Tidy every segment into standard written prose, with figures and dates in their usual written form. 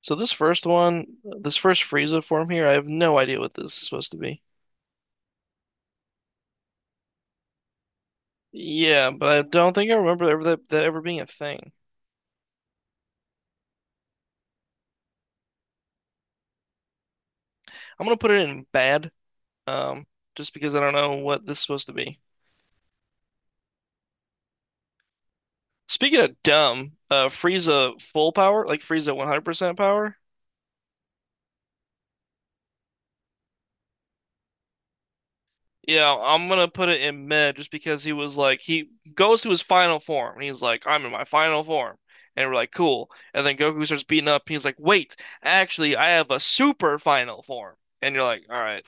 So this first one, this first Frieza form here, I have no idea what this is supposed to be. Yeah, but I don't think I remember ever that ever being a thing. I'm gonna put it in bad, um, just because I don't know what this is supposed to be. Speaking of dumb, Frieza full power, like Frieza 100% power. Yeah, I'm gonna put it in mid just because he was like he goes to his final form and he's like, I'm in my final form. And we're like, cool. And then Goku starts beating up and he's like, wait, actually I have a super final form. And you're like, all right,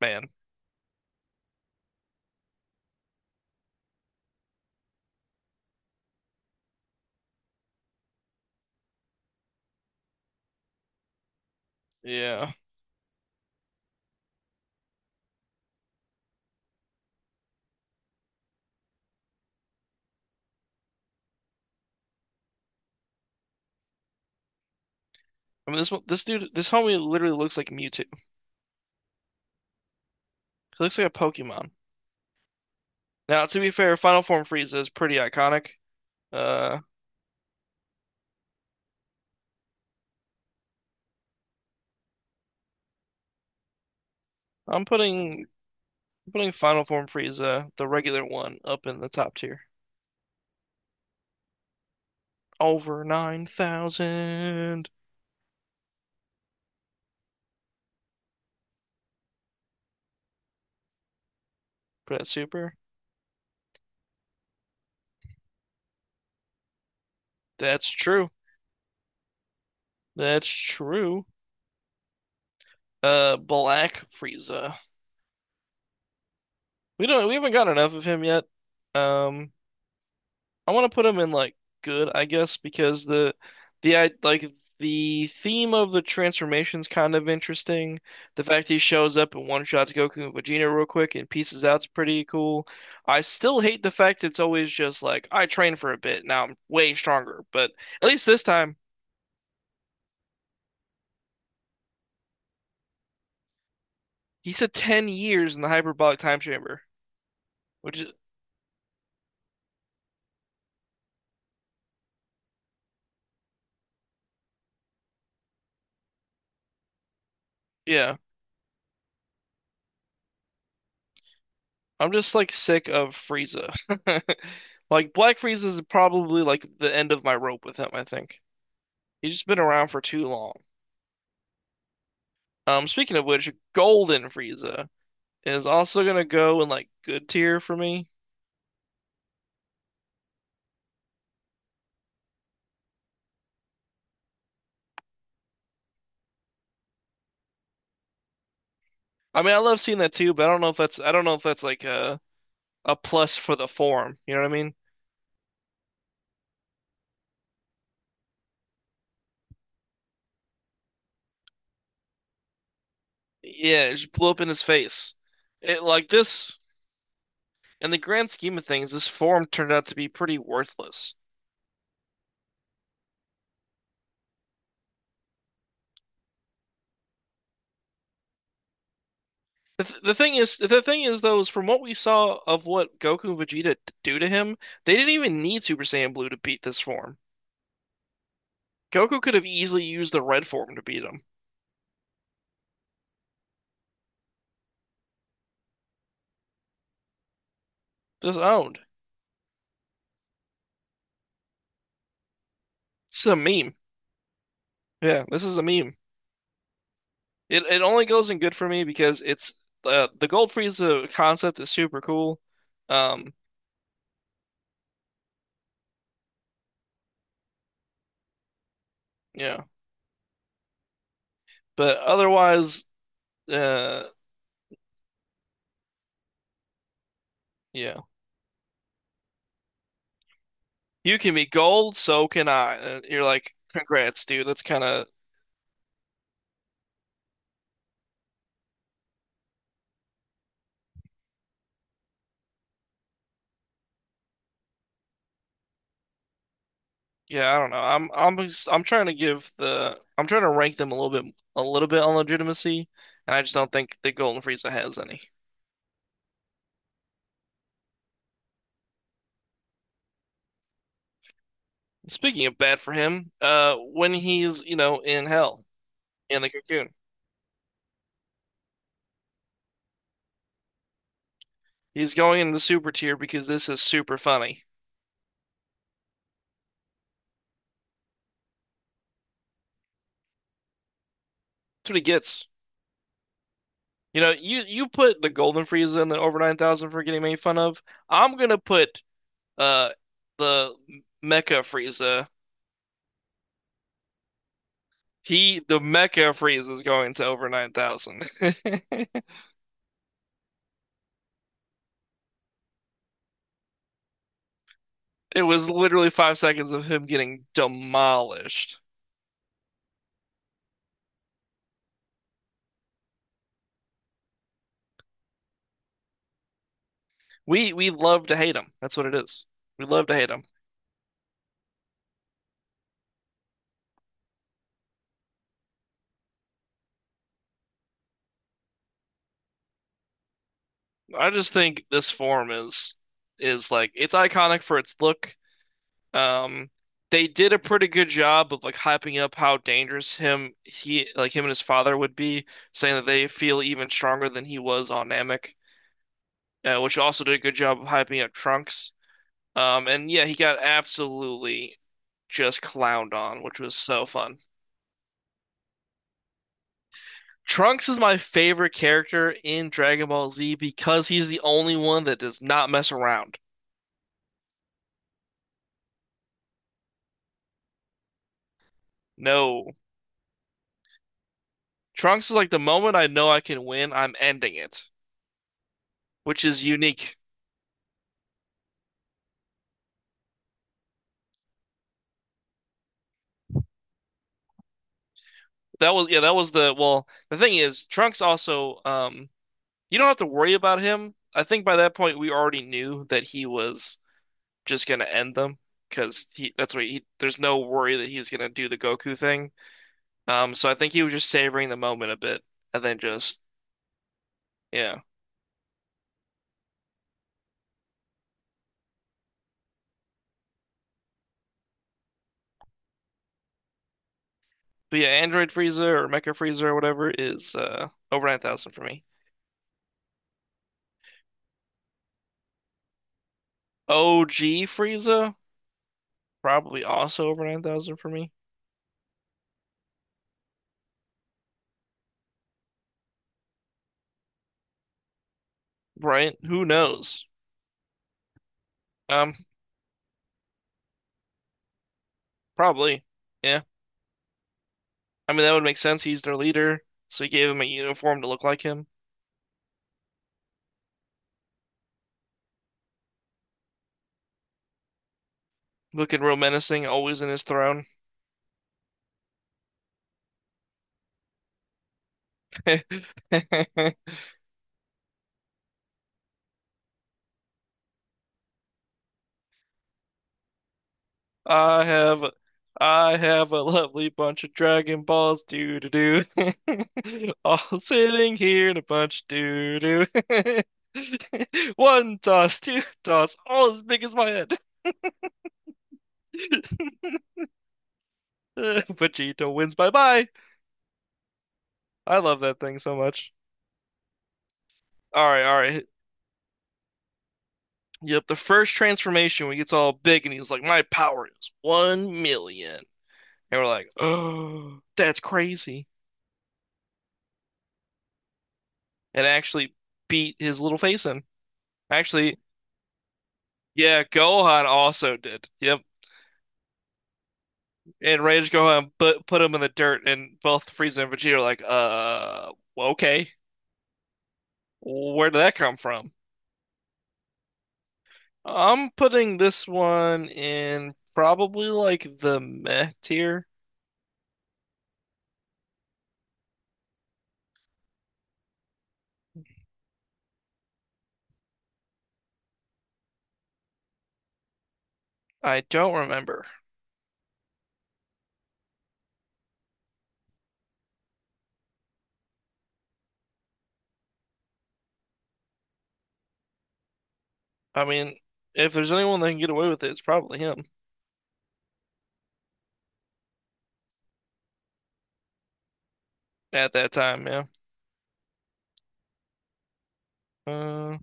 man. Yeah. I mean this dude this homie literally looks like Mewtwo. He looks like a Pokemon. Now, to be fair, Final Form Frieza is pretty iconic. Uh I'm putting I'm putting Final Form Frieza, the regular one, up in the top tier. Over 9,000. Put super. That's true. That's true. Black Frieza. We don't. We haven't got enough of him yet. Um, I want to put him in like good, I guess, because the I like the theme of the transformation's kind of interesting. The fact that he shows up and one shots Goku and Vegeta real quick and pieces out's pretty cool. I still hate the fact it's always just like I trained for a bit, now I'm way stronger. But at least this time, he said 10 years in the hyperbolic time chamber, which is Yeah, I'm just like sick of Frieza. Like Black Frieza is probably like the end of my rope with him, I think. He's just been around for too long. Speaking of which, Golden Frieza is also gonna go in like good tier for me. I mean, I love seeing that too, but I don't know if that's I don't know if that's like a plus for the form. You know what I mean? Yeah, it just blew up in his face. It like this in the grand scheme of things, this form turned out to be pretty worthless. The thing is though, is from what we saw of what Goku and Vegeta do to him, they didn't even need Super Saiyan Blue to beat this form. Goku could have easily used the red form to beat him. Just owned. This is a meme. Yeah, this is a meme. It only goes in good for me because it's the Gold Frieza concept is super cool. Um, yeah, but otherwise, uh, yeah, you can be gold, so can I. And you're like, congrats, dude. That's kind of Yeah, I don't know. I'm trying to give the I'm trying to rank them a little bit on legitimacy, and I just don't think that Golden Frieza has any. Speaking of bad for him, when he's, you know, in hell in the cocoon, he's going into the super tier because this is super funny. That's what he gets. You know, you put the Golden Frieza in the over 9,000 for getting made fun of. I'm gonna put uh the Mecha Frieza. He the Mecha Frieza is going to over 9,000. It was literally 5 seconds of him getting demolished. We love to hate him. That's what it is. We love to hate him. I just think this form is like it's iconic for its look. Um, they did a pretty good job of like hyping up how dangerous him he like him and his father would be, saying that they feel even stronger than he was on Namek, which also did a good job of hyping up Trunks. And yeah, he got absolutely just clowned on, which was so fun. Trunks is my favorite character in Dragon Ball Z because he's the only one that does not mess around. No. Trunks is like the moment I know I can win, I'm ending it, which is unique. That was yeah, that was the well, the thing is, Trunks also you don't have to worry about him. I think by that point we already knew that he was just gonna end them because he that's what he there's no worry that he's gonna do the Goku thing. So I think he was just savoring the moment a bit and then just yeah. But yeah, Android Frieza or Mecha Frieza or whatever is over 9,000 for me. OG Frieza probably also over 9,000 for me. Right? Who knows? Um, Probably. Yeah. I mean that would make sense. He's their leader, so he gave him a uniform to look like him. Looking real menacing, always in his throne. I have I have a lovely bunch of Dragon Balls, doo doo doo. All sitting here in a bunch, doo doo. One toss, two toss, all as big as my head. Vegeta wins, bye bye. I love that thing so much. All right, all right. Yep, the first transformation when he gets all big and he's like, "My power is 1,000,000," and we're like, "Oh, that's crazy!" And actually beat his little face in. Actually, yeah, Gohan also did. Yep. And Rage Gohan put him in the dirt and both Frieza and Vegeta are like, well, okay. Where did that come from? I'm putting this one in probably like the meh tier. I don't remember. I mean, if there's anyone that can get away with it, it's probably him at that time, yeah. Uh,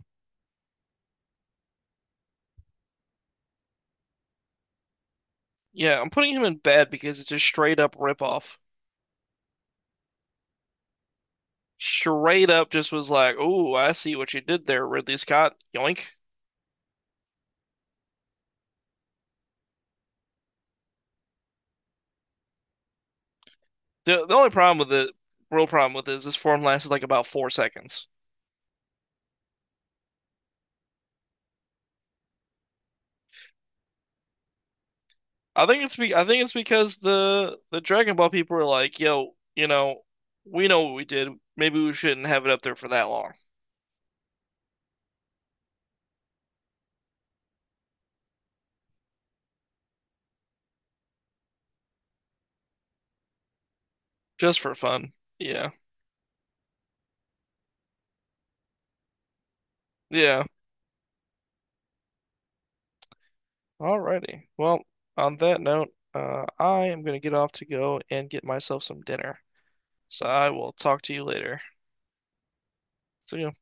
yeah, I'm putting him in bad because it's just straight up rip off. Straight up just was like, "Oh, I see what you did there, Ridley Scott." Yoink. The only problem with it, real problem with it, is this form lasted like about 4 seconds. I think it's because the Dragon Ball people are like, yo, you know, we know what we did. Maybe we shouldn't have it up there for that long, just for fun. Yeah, yeah. Alrighty. Well, on that note, I am gonna get off to go and get myself some dinner. So I will talk to you later. See you.